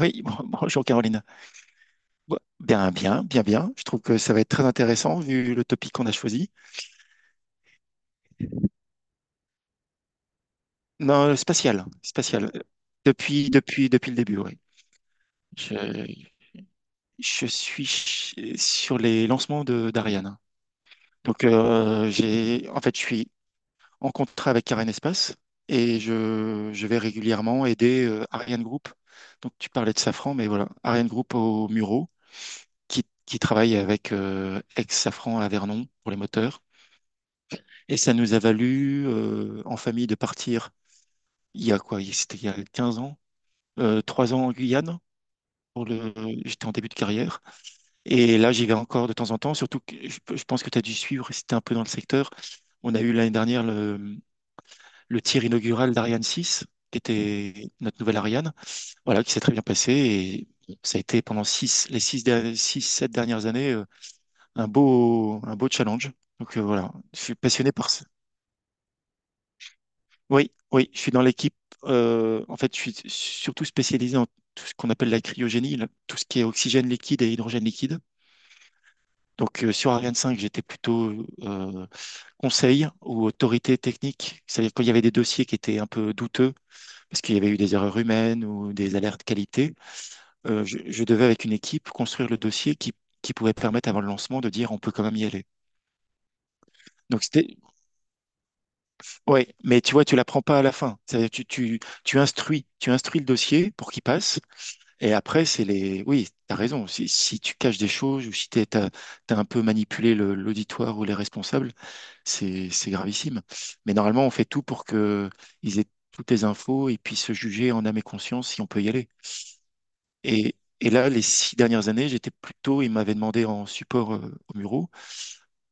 Oui, bonjour Caroline. Bon, bien, bien, bien, bien. Je trouve que ça va être très intéressant vu le topic qu'on a choisi. Non, le spatial, spatial. Depuis le début, oui. Je, je suis sur les lancements de d'Ariane. Donc, en fait, je suis en contrat avec Karen Espace et je vais régulièrement aider Ariane Group. Donc, tu parlais de Safran, mais voilà, Ariane Group au Muro qui travaille avec ex-Safran à Vernon pour les moteurs. Et ça nous a valu en famille de partir il y a quoi? C'était il y a 15 ans, 3 ans en Guyane. Pour le... J'étais en début de carrière. Et là, j'y vais encore de temps en temps. Surtout que je pense que tu as dû suivre, c'était un peu dans le secteur. On a eu l'année dernière le tir inaugural d'Ariane 6, qui était notre nouvelle Ariane, voilà, qui s'est très bien passé. Et ça a été pendant 6, 7 dernières années, un beau challenge. Donc voilà, je suis passionné par... Oui, oui, je suis dans l'équipe. En fait, je suis surtout spécialisé en tout ce qu'on appelle la cryogénie, là, tout ce qui est oxygène liquide et hydrogène liquide. Donc, sur Ariane 5, j'étais plutôt conseil ou autorité technique. C'est-à-dire qu'il y avait des dossiers qui étaient un peu douteux, parce qu'il y avait eu des erreurs humaines ou des alertes qualité, je devais, avec une équipe, construire le dossier qui pouvait permettre, avant le lancement, de dire on peut quand même y aller. Donc, c'était, ouais, mais tu vois, tu l'apprends pas à la fin. C'est-à-dire que tu instruis le dossier pour qu'il passe. Et après, c'est les... Oui, t'as raison. Si tu caches des choses ou si t'as un peu manipulé l'auditoire ou les responsables, c'est gravissime. Mais normalement, on fait tout pour que ils aient toutes les infos et puissent se juger en âme et conscience si on peut y aller. Et, et là, les 6 dernières années, j'étais plutôt... Ils m'avaient demandé en support aux Mureaux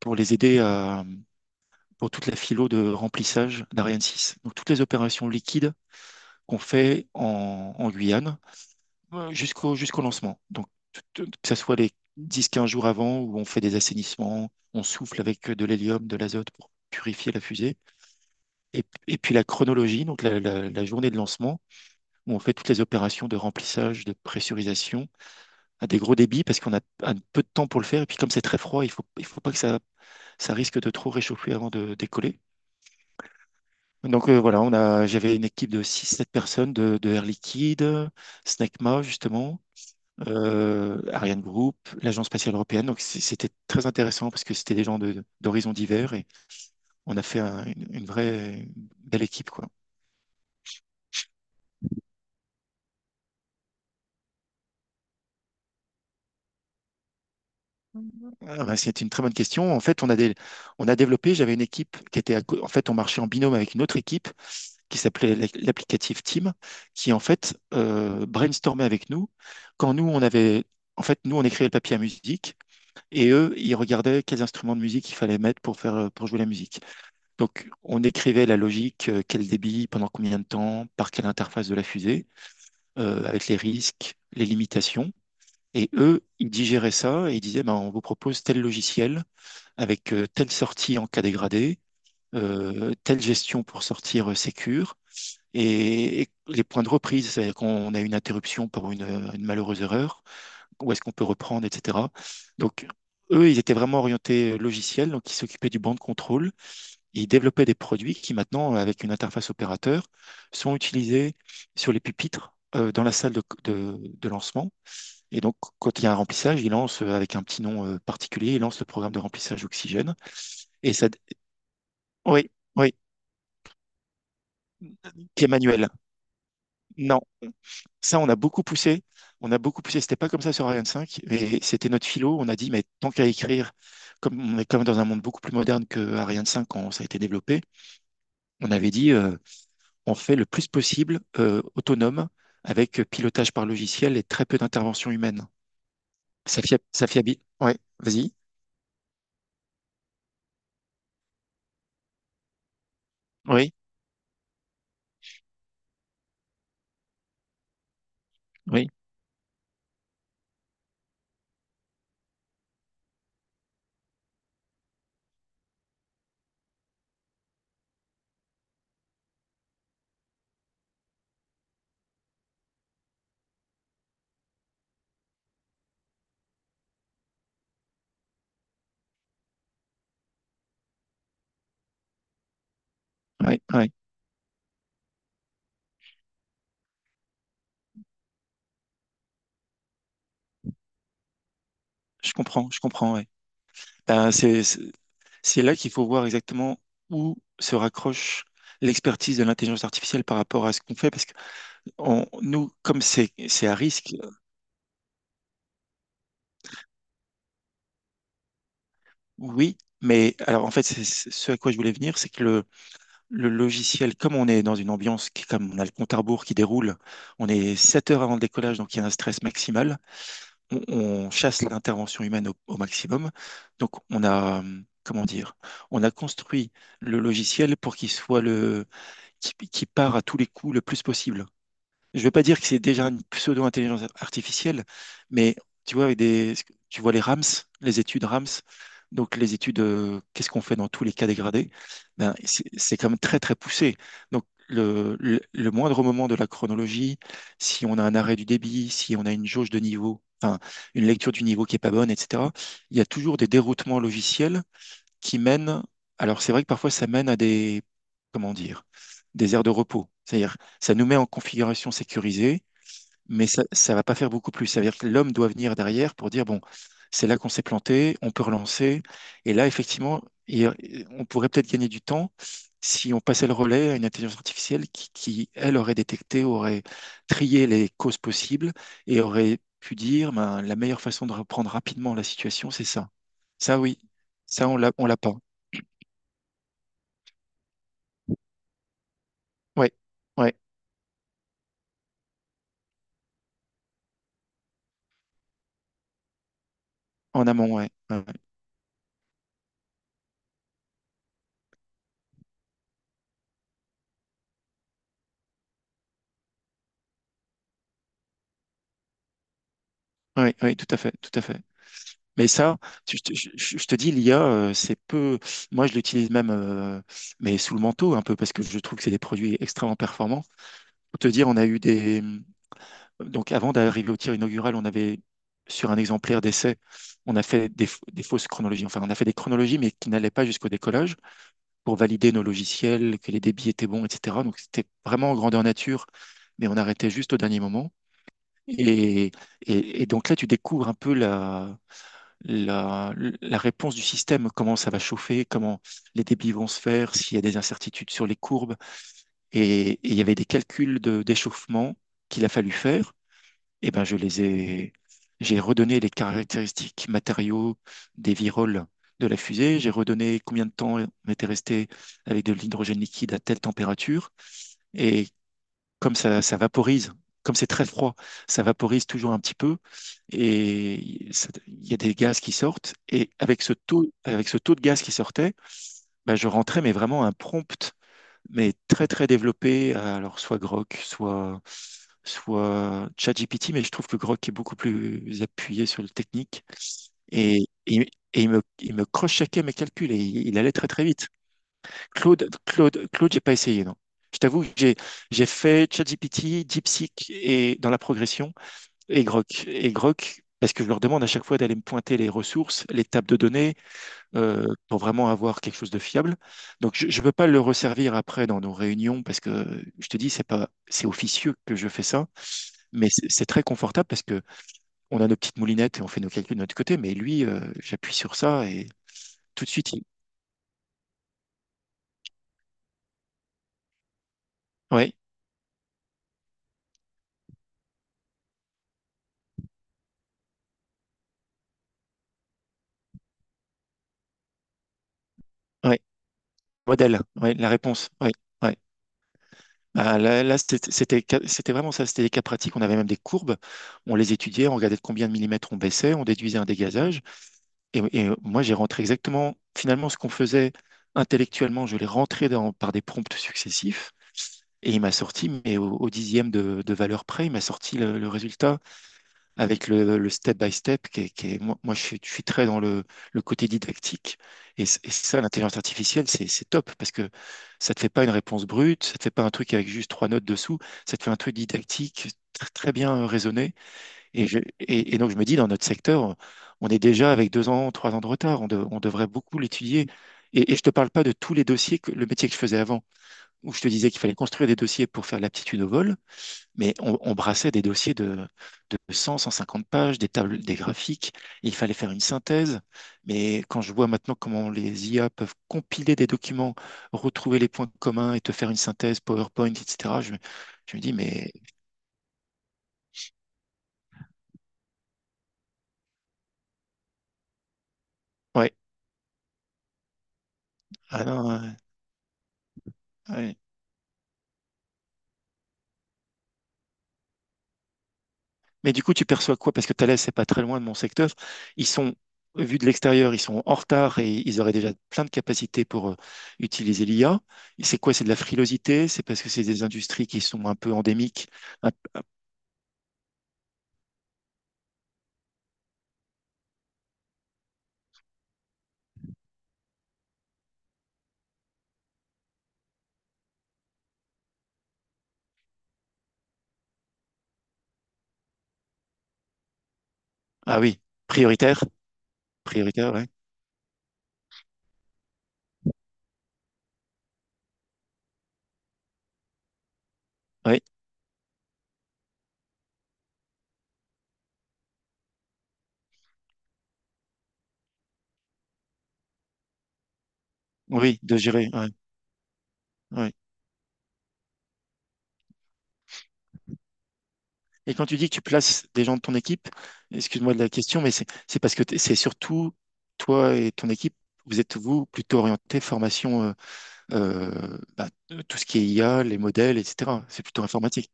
pour les aider à... pour toute la philo de remplissage d'Ariane 6. Donc, toutes les opérations liquides qu'on fait en Guyane, jusqu'au lancement. Donc, que ce soit les 10-15 jours avant où on fait des assainissements, on souffle avec de l'hélium, de l'azote pour purifier la fusée. Et puis la chronologie, donc la journée de lancement, où on fait toutes les opérations de remplissage, de pressurisation à des gros débits parce qu'on a un peu de temps pour le faire. Et puis comme c'est très froid, il faut pas que ça risque de trop réchauffer avant de décoller. Donc voilà, j'avais une équipe de 6-7 personnes de, Air Liquide, Snecma justement, Ariane Group, l'Agence spatiale européenne. Donc c'était très intéressant parce que c'était des gens d'horizons divers et on a fait une vraie belle équipe, quoi. Ah ben, c'était une très bonne question. En fait, on a développé, j'avais une équipe qui était, à co- en fait, on marchait en binôme avec une autre équipe qui s'appelait l'applicatif Team, qui en fait brainstormait avec nous quand nous, on avait... En fait, nous, on écrivait le papier à musique et eux, ils regardaient quels instruments de musique il fallait mettre pour pour jouer la musique. Donc, on écrivait la logique, quel débit, pendant combien de temps, par quelle interface de la fusée, avec les risques, les limitations. Et eux, ils digéraient ça et ils disaient, ben, on vous propose tel logiciel avec telle sortie en cas dégradé, telle gestion pour sortir sécure et les points de reprise, c'est-à-dire qu'on a une interruption pour une malheureuse erreur, où est-ce qu'on peut reprendre, etc. Donc, eux, ils étaient vraiment orientés logiciel, donc ils s'occupaient du banc de contrôle. Ils développaient des produits qui maintenant, avec une interface opérateur, sont utilisés sur les pupitres, dans la salle de lancement. Et donc, quand il y a un remplissage, ils lancent, avec un petit nom particulier, ils lancent le programme de remplissage oxygène. Et ça, oui, oui, qui est manuel. Non, ça, on a beaucoup poussé. On a beaucoup poussé. C'était pas comme ça sur Ariane 5, mais c'était notre philo. On a dit, mais tant qu'à écrire, comme on est quand même dans un monde beaucoup plus moderne que Ariane 5 quand ça a été développé, on avait dit, on fait le plus possible autonome avec pilotage par logiciel et très peu d'intervention humaine. Ça fia- ça fiabi- Ouais, vas-y. Oui, oui, oui, oui. Je comprends, ouais. Ben, c'est là qu'il faut voir exactement où se raccroche l'expertise de l'intelligence artificielle par rapport à ce qu'on fait, parce que nous, comme c'est à risque, oui, mais alors en fait, ce à quoi je voulais venir, c'est que le logiciel, comme on est dans une ambiance, comme on a le compte à rebours qui déroule, on est 7 heures avant le décollage, donc il y a un stress maximal. On chasse l'intervention humaine au maximum. Donc on a, comment dire, on a construit le logiciel pour qu'il soit le, qui part à tous les coups le plus possible. Je vais pas dire que c'est déjà une pseudo-intelligence artificielle, mais tu vois, avec des, tu vois les RAMS, les études RAMS, donc les études, qu'est-ce qu'on fait dans tous les cas dégradés, ben, c'est quand même très très poussé. Donc le moindre moment de la chronologie, si on a un arrêt du débit, si on a une jauge de niveau, enfin une lecture du niveau qui est pas bonne, etc., il y a toujours des déroutements logiciels qui mène, alors c'est vrai que parfois ça mène à des, comment dire, des aires de repos. C'est-à-dire, ça nous met en configuration sécurisée, mais ça ne va pas faire beaucoup plus. Ça veut dire que l'homme doit venir derrière pour dire, bon, c'est là qu'on s'est planté, on peut relancer. Et là, effectivement, il- on pourrait peut-être gagner du temps si on passait le relais à une intelligence artificielle qui, elle, aurait détecté, aurait trié les causes possibles et aurait pu dire, ben, la meilleure façon de reprendre rapidement la situation, c'est ça. Ça, oui. Ça, on l'a pas. Ouais, ouais, en amont, ouais. Ouais, ouais, ouais, ouais, tout à fait, tout à fait. Mais ça, je te dis, l'IA, c'est peu. Moi, je l'utilise même, mais sous le manteau un peu, parce que je trouve que c'est des produits extrêmement performants. Pour te dire, on a eu des... Donc, avant d'arriver au tir inaugural, sur un exemplaire d'essai, on a fait des fausses chronologies. Enfin, on a fait des chronologies, mais qui n'allaient pas jusqu'au décollage pour valider nos logiciels, que les débits étaient bons, etc. Donc, c'était vraiment en grandeur nature, mais on arrêtait juste au dernier moment. Et, et donc là, tu découvres un peu la, la réponse du système, comment ça va chauffer, comment les débits vont se faire, s'il y a des incertitudes sur les courbes. Et il y avait des calculs d'échauffement qu'il a fallu faire. Et ben, j'ai redonné les caractéristiques matériaux des viroles de la fusée. J'ai redonné combien de temps on était resté avec de l'hydrogène liquide à telle température et comme ça vaporise, comme c'est très froid, ça vaporise toujours un petit peu et il y a des gaz qui sortent. Et avec ce taux de gaz qui sortait, bah, je rentrais mais vraiment un prompt, mais très très développé. Alors soit Grok, soit ChatGPT, mais je trouve que Grok est beaucoup plus appuyé sur le technique et, et il me cross-checkait mes calculs et il allait très très vite. Claude, j'ai pas essayé, non. Je t'avoue, que j'ai fait ChatGPT, DeepSeek et dans la progression et Grok. Et Grok, parce que je leur demande à chaque fois d'aller me pointer les ressources, les tables de données, pour vraiment avoir quelque chose de fiable. Donc je ne peux pas le resservir après dans nos réunions parce que je te dis c'est pas c'est officieux que je fais ça, mais c'est très confortable parce que on a nos petites moulinettes et on fait nos calculs de notre côté. Mais lui, j'appuie sur ça et tout de suite, ouais, ouais, modèle, ouais, la réponse, ouais, ouais. Ah, là, là, c'était vraiment ça, c'était des cas pratiques. On avait même des courbes, on les étudiait, on regardait de combien de millimètres on baissait, on déduisait un dégazage. Et, moi, j'ai rentré exactement, finalement, ce qu'on faisait intellectuellement, je l'ai rentré dans, par des prompts successifs. Et il m'a sorti, mais au dixième de valeur près, il m'a sorti le résultat avec le step by step, moi, je suis très dans le côté didactique. Et ça, l'intelligence artificielle, c'est top parce que ça te fait pas une réponse brute, ça te fait pas un truc avec juste trois notes dessous, ça te fait un truc didactique, très, bien raisonné. Et donc, je me dis, dans notre secteur, on est déjà avec 2 ans, 3 ans de retard. On devrait beaucoup l'étudier. Et je te parle pas de tous les dossiers, que, le métier que je faisais avant, où je te disais qu'il fallait construire des dossiers pour faire l'aptitude au vol. Mais on brassait des dossiers de 100, 150 pages, des tables, des graphiques. Et il fallait faire une synthèse. Mais quand je vois maintenant comment les IA peuvent compiler des documents, retrouver les points communs et te faire une synthèse PowerPoint, etc., je me dis, mais ouais, ah non, ouais, ouais. Mais du coup, tu perçois quoi? Parce que Thales, c'est pas très loin de mon secteur. Ils sont, vu de l'extérieur, ils sont en retard et ils auraient déjà plein de capacités pour utiliser l'IA. C'est quoi? C'est de la frilosité? C'est parce que c'est des industries qui sont un peu endémiques. Ah oui, prioritaire, prioritaire, ouais. Ouais, oui, de gérer, ouais, ouais. Et quand tu dis que tu places des gens de ton équipe, excuse-moi de la question, mais c'est parce que c'est surtout toi et ton équipe, vous êtes vous plutôt orienté formation, bah, tout ce qui est IA, les modèles, etc. C'est plutôt informatique.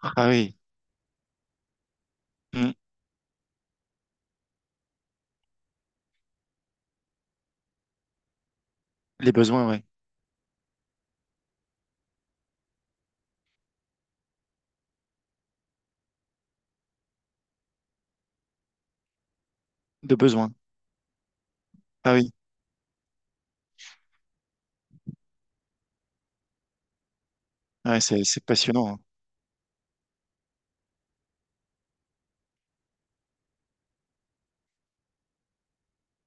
Ah oui, hmm, les besoins, ouais, de besoins. Ah oui, ouais, c'est passionnant,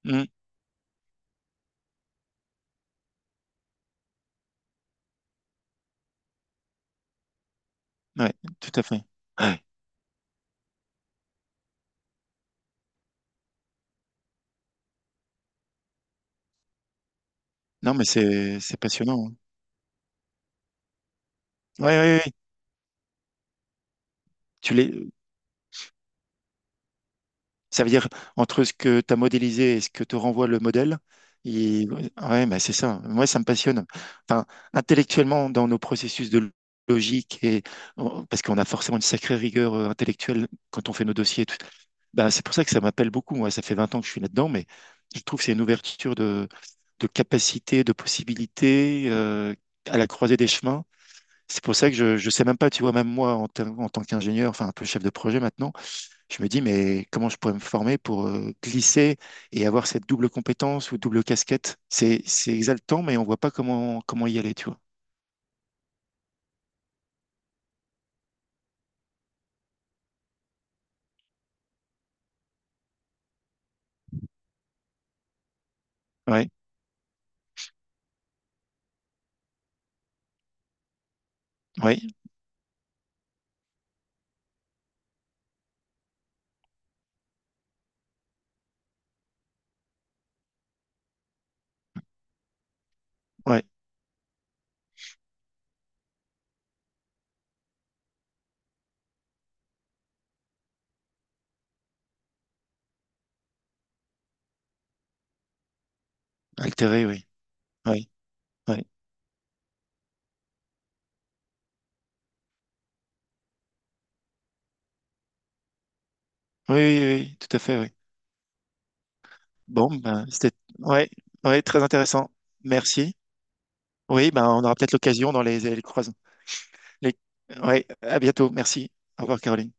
hein. Hmm, ouais, tout à fait. Ouais. Non, mais c'est passionnant, hein. Ouais, ouais, ouais, ouais. Tu les, ça veut dire entre ce que tu as modélisé et ce que te renvoie le modèle. Et, ouais, bah, c'est ça. Moi, ça me passionne. Enfin, intellectuellement, dans nos processus de logique, et parce qu'on a forcément une sacrée rigueur intellectuelle quand on fait nos dossiers, et tout. Bah, c'est pour ça que ça m'appelle beaucoup. Moi, ça fait 20 ans que je suis là-dedans, mais je trouve que c'est une ouverture de capacité, de possibilités à la croisée des chemins. C'est pour ça que je ne sais même pas, tu vois, même moi, en tant qu'ingénieur, enfin un peu chef de projet maintenant, je me dis, mais comment je pourrais me former pour glisser et avoir cette double compétence ou double casquette? C'est exaltant, mais on voit pas comment y aller, tu vois. Ouais, ouais, ouais. Altéré, oui. Ouais, ouais. Oui, oui, oui, oui, tout à fait, oui. Bon, ben, c'était, ouais, ouais, très intéressant. Merci. Oui, ben, on aura peut-être l'occasion dans les croisons. Les... Ouais, à bientôt. Merci. Au revoir, Caroline.